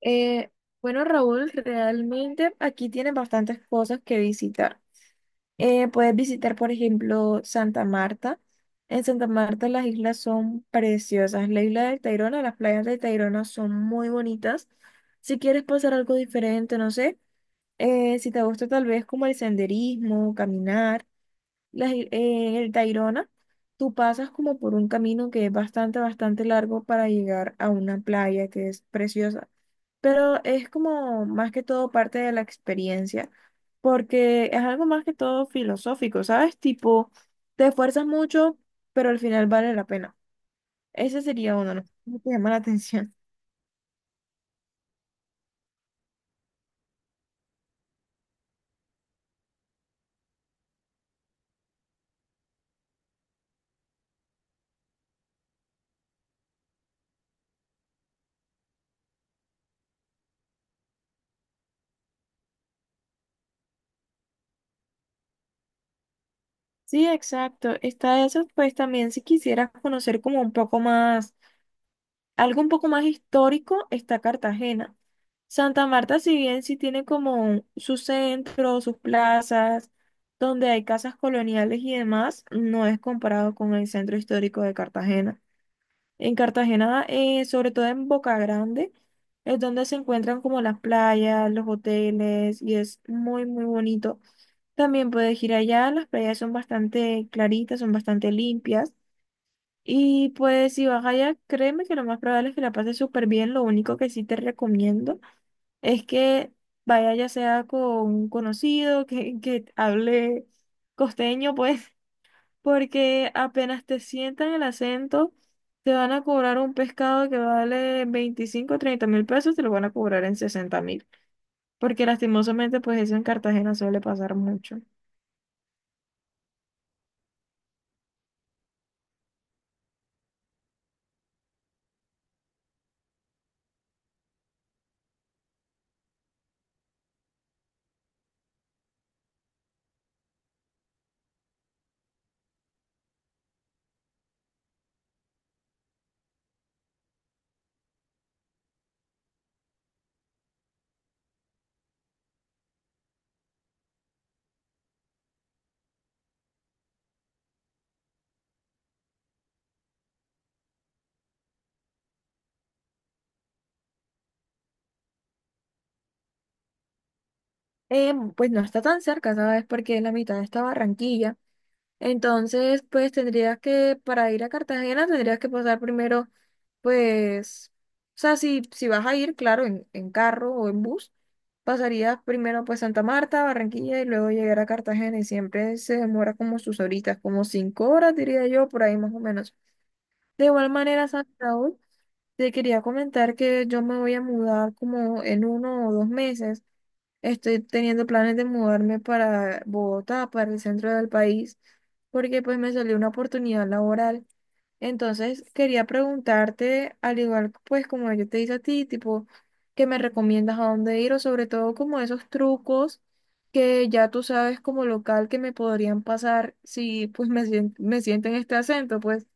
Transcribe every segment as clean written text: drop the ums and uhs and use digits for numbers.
Eh, bueno, Raúl, realmente aquí tienes bastantes cosas que visitar. Puedes visitar, por ejemplo, Santa Marta. En Santa Marta las islas son preciosas. La isla de Tayrona, las playas de Tayrona son muy bonitas. Si quieres pasar algo diferente, no sé, si te gusta tal vez como el senderismo, caminar, en el Tayrona, tú pasas como por un camino que es bastante, bastante largo para llegar a una playa que es preciosa. Pero es como más que todo parte de la experiencia, porque es algo más que todo filosófico, ¿sabes? Tipo, te esfuerzas mucho, pero al final vale la pena. Ese sería uno, ¿no? ¿Cómo te llama la atención? Sí, exacto. Está eso, pues también si quisieras conocer como un poco más. Algo un poco más histórico está Cartagena. Santa Marta, si bien sí tiene como su centro, sus plazas, donde hay casas coloniales y demás, no es comparado con el centro histórico de Cartagena. En Cartagena, sobre todo en Boca Grande, es donde se encuentran como las playas, los hoteles y es muy, muy bonito. También puedes ir allá, las playas son bastante claritas, son bastante limpias. Y pues si vas allá, créeme que lo más probable es que la pases súper bien. Lo único que sí te recomiendo es que vaya ya sea con un conocido, que hable costeño, pues, porque apenas te sientan el acento, te van a cobrar un pescado que vale veinticinco o 30 mil pesos, te lo van a cobrar en 60 mil. Porque lastimosamente, pues eso en Cartagena suele pasar mucho. Pues no está tan cerca, ¿sabes? Porque la mitad está Barranquilla. Entonces, pues tendrías que, para ir a Cartagena, tendrías que pasar primero, pues, o sea, si vas a ir, claro, en carro o en bus, pasarías primero pues Santa Marta, Barranquilla y luego llegar a Cartagena y siempre se demora como sus horitas, como 5 horas, diría yo, por ahí más o menos. De igual manera, San Raúl, te quería comentar que yo me voy a mudar como en 1 o 2 meses. Estoy teniendo planes de mudarme para Bogotá, para el centro del país, porque pues me salió una oportunidad laboral. Entonces quería preguntarte, al igual pues como yo te hice a ti, tipo, ¿qué me recomiendas a dónde ir o sobre todo como esos trucos que ya tú sabes como local que me podrían pasar si pues me siento en este acento, pues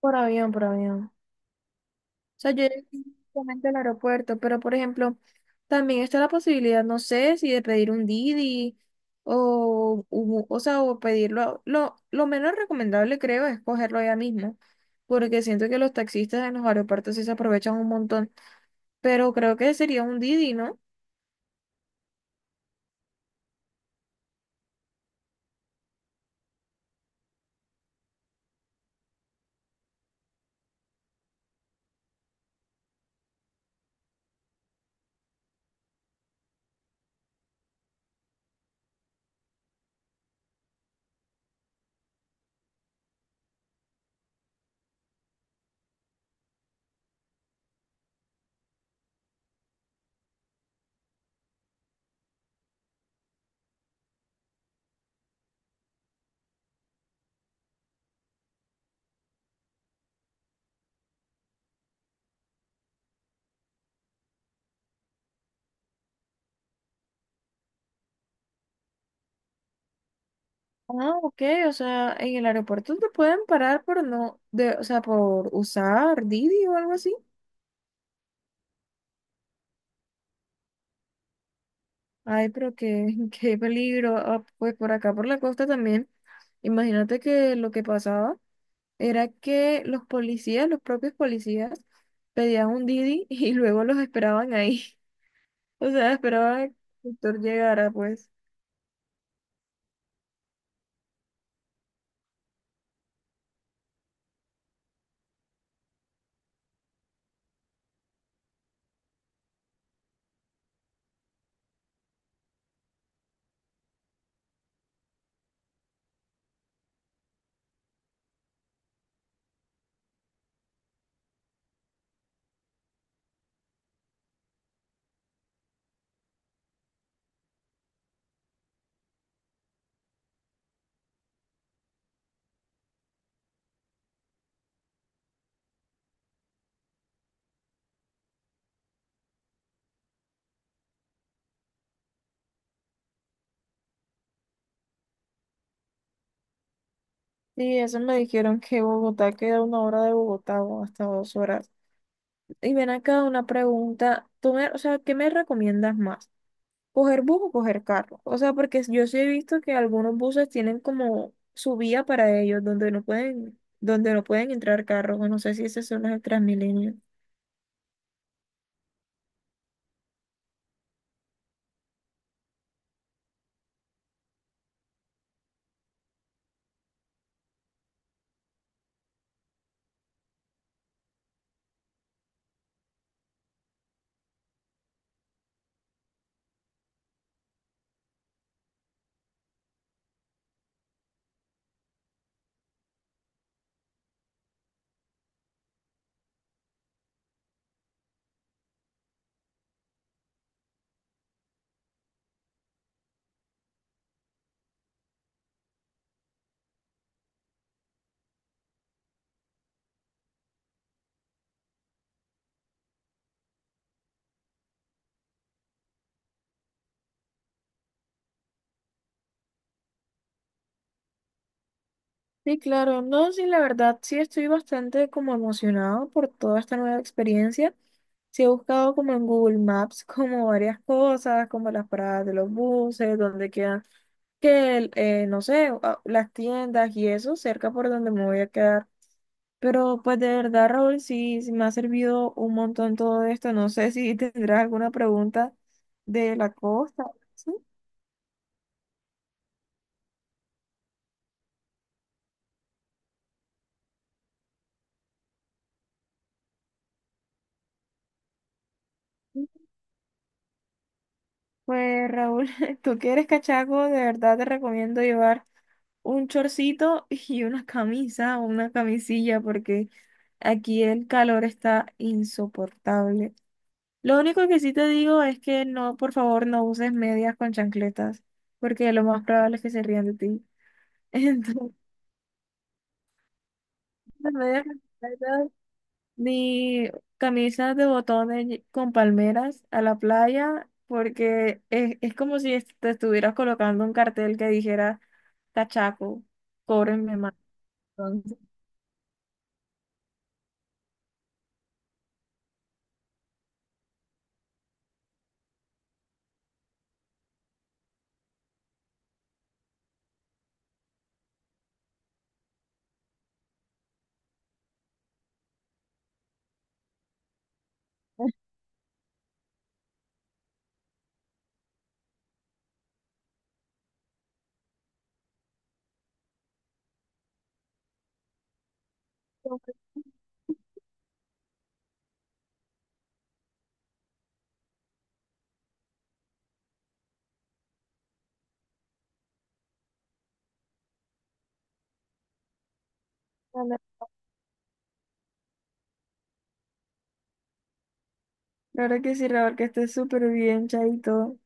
por avión, por avión. Sea, yo llegué directamente al aeropuerto, pero por ejemplo, también está la posibilidad, no sé, si de pedir un Didi o, o sea, o pedirlo. Lo menos recomendable, creo, es cogerlo ya mismo, porque siento que los taxistas en los aeropuertos sí se aprovechan un montón, pero creo que sería un Didi, ¿no? Ah, ok, o sea, en el aeropuerto te pueden parar por no, de, o sea, por usar Didi o algo así. Ay, pero qué, qué peligro. Ah, pues por acá, por la costa también. Imagínate que lo que pasaba era que los policías, los propios policías, pedían un Didi y luego los esperaban ahí. O sea, esperaban a que el doctor llegara, pues. Y eso me dijeron que Bogotá queda 1 hora de Bogotá o hasta 2 horas. Y ven acá una pregunta. O sea, ¿qué me recomiendas más? ¿Coger bus o coger carro? O sea, porque yo sí he visto que algunos buses tienen como su vía para ellos, donde no pueden entrar carros. O no sé si esos son los del Transmilenio. Sí, claro, no, sí, la verdad, sí estoy bastante como emocionado por toda esta nueva experiencia. Sí he buscado como en Google Maps como varias cosas, como las paradas de los buses, donde quedan, que, el, no sé, las tiendas y eso, cerca por donde me voy a quedar. Pero pues de verdad, Raúl, sí, sí me ha servido un montón todo esto. No sé si tendrás alguna pregunta de la costa. ¿Sí? Sí. Pues Raúl, tú que eres cachaco, de verdad te recomiendo llevar un chorcito y una camisa o una camisilla porque aquí el calor está insoportable. Lo único que sí te digo es que no, por favor, no uses medias con chancletas porque lo más probable es que se rían de ti. Entonces, las medias con chancletas, ni camisas de botones con palmeras a la playa porque es como si te estuvieras colocando un cartel que dijera, cachaco, cóbrenme más. Entonces, la verdad que sí, Raúl, que estés súper bien, chaito.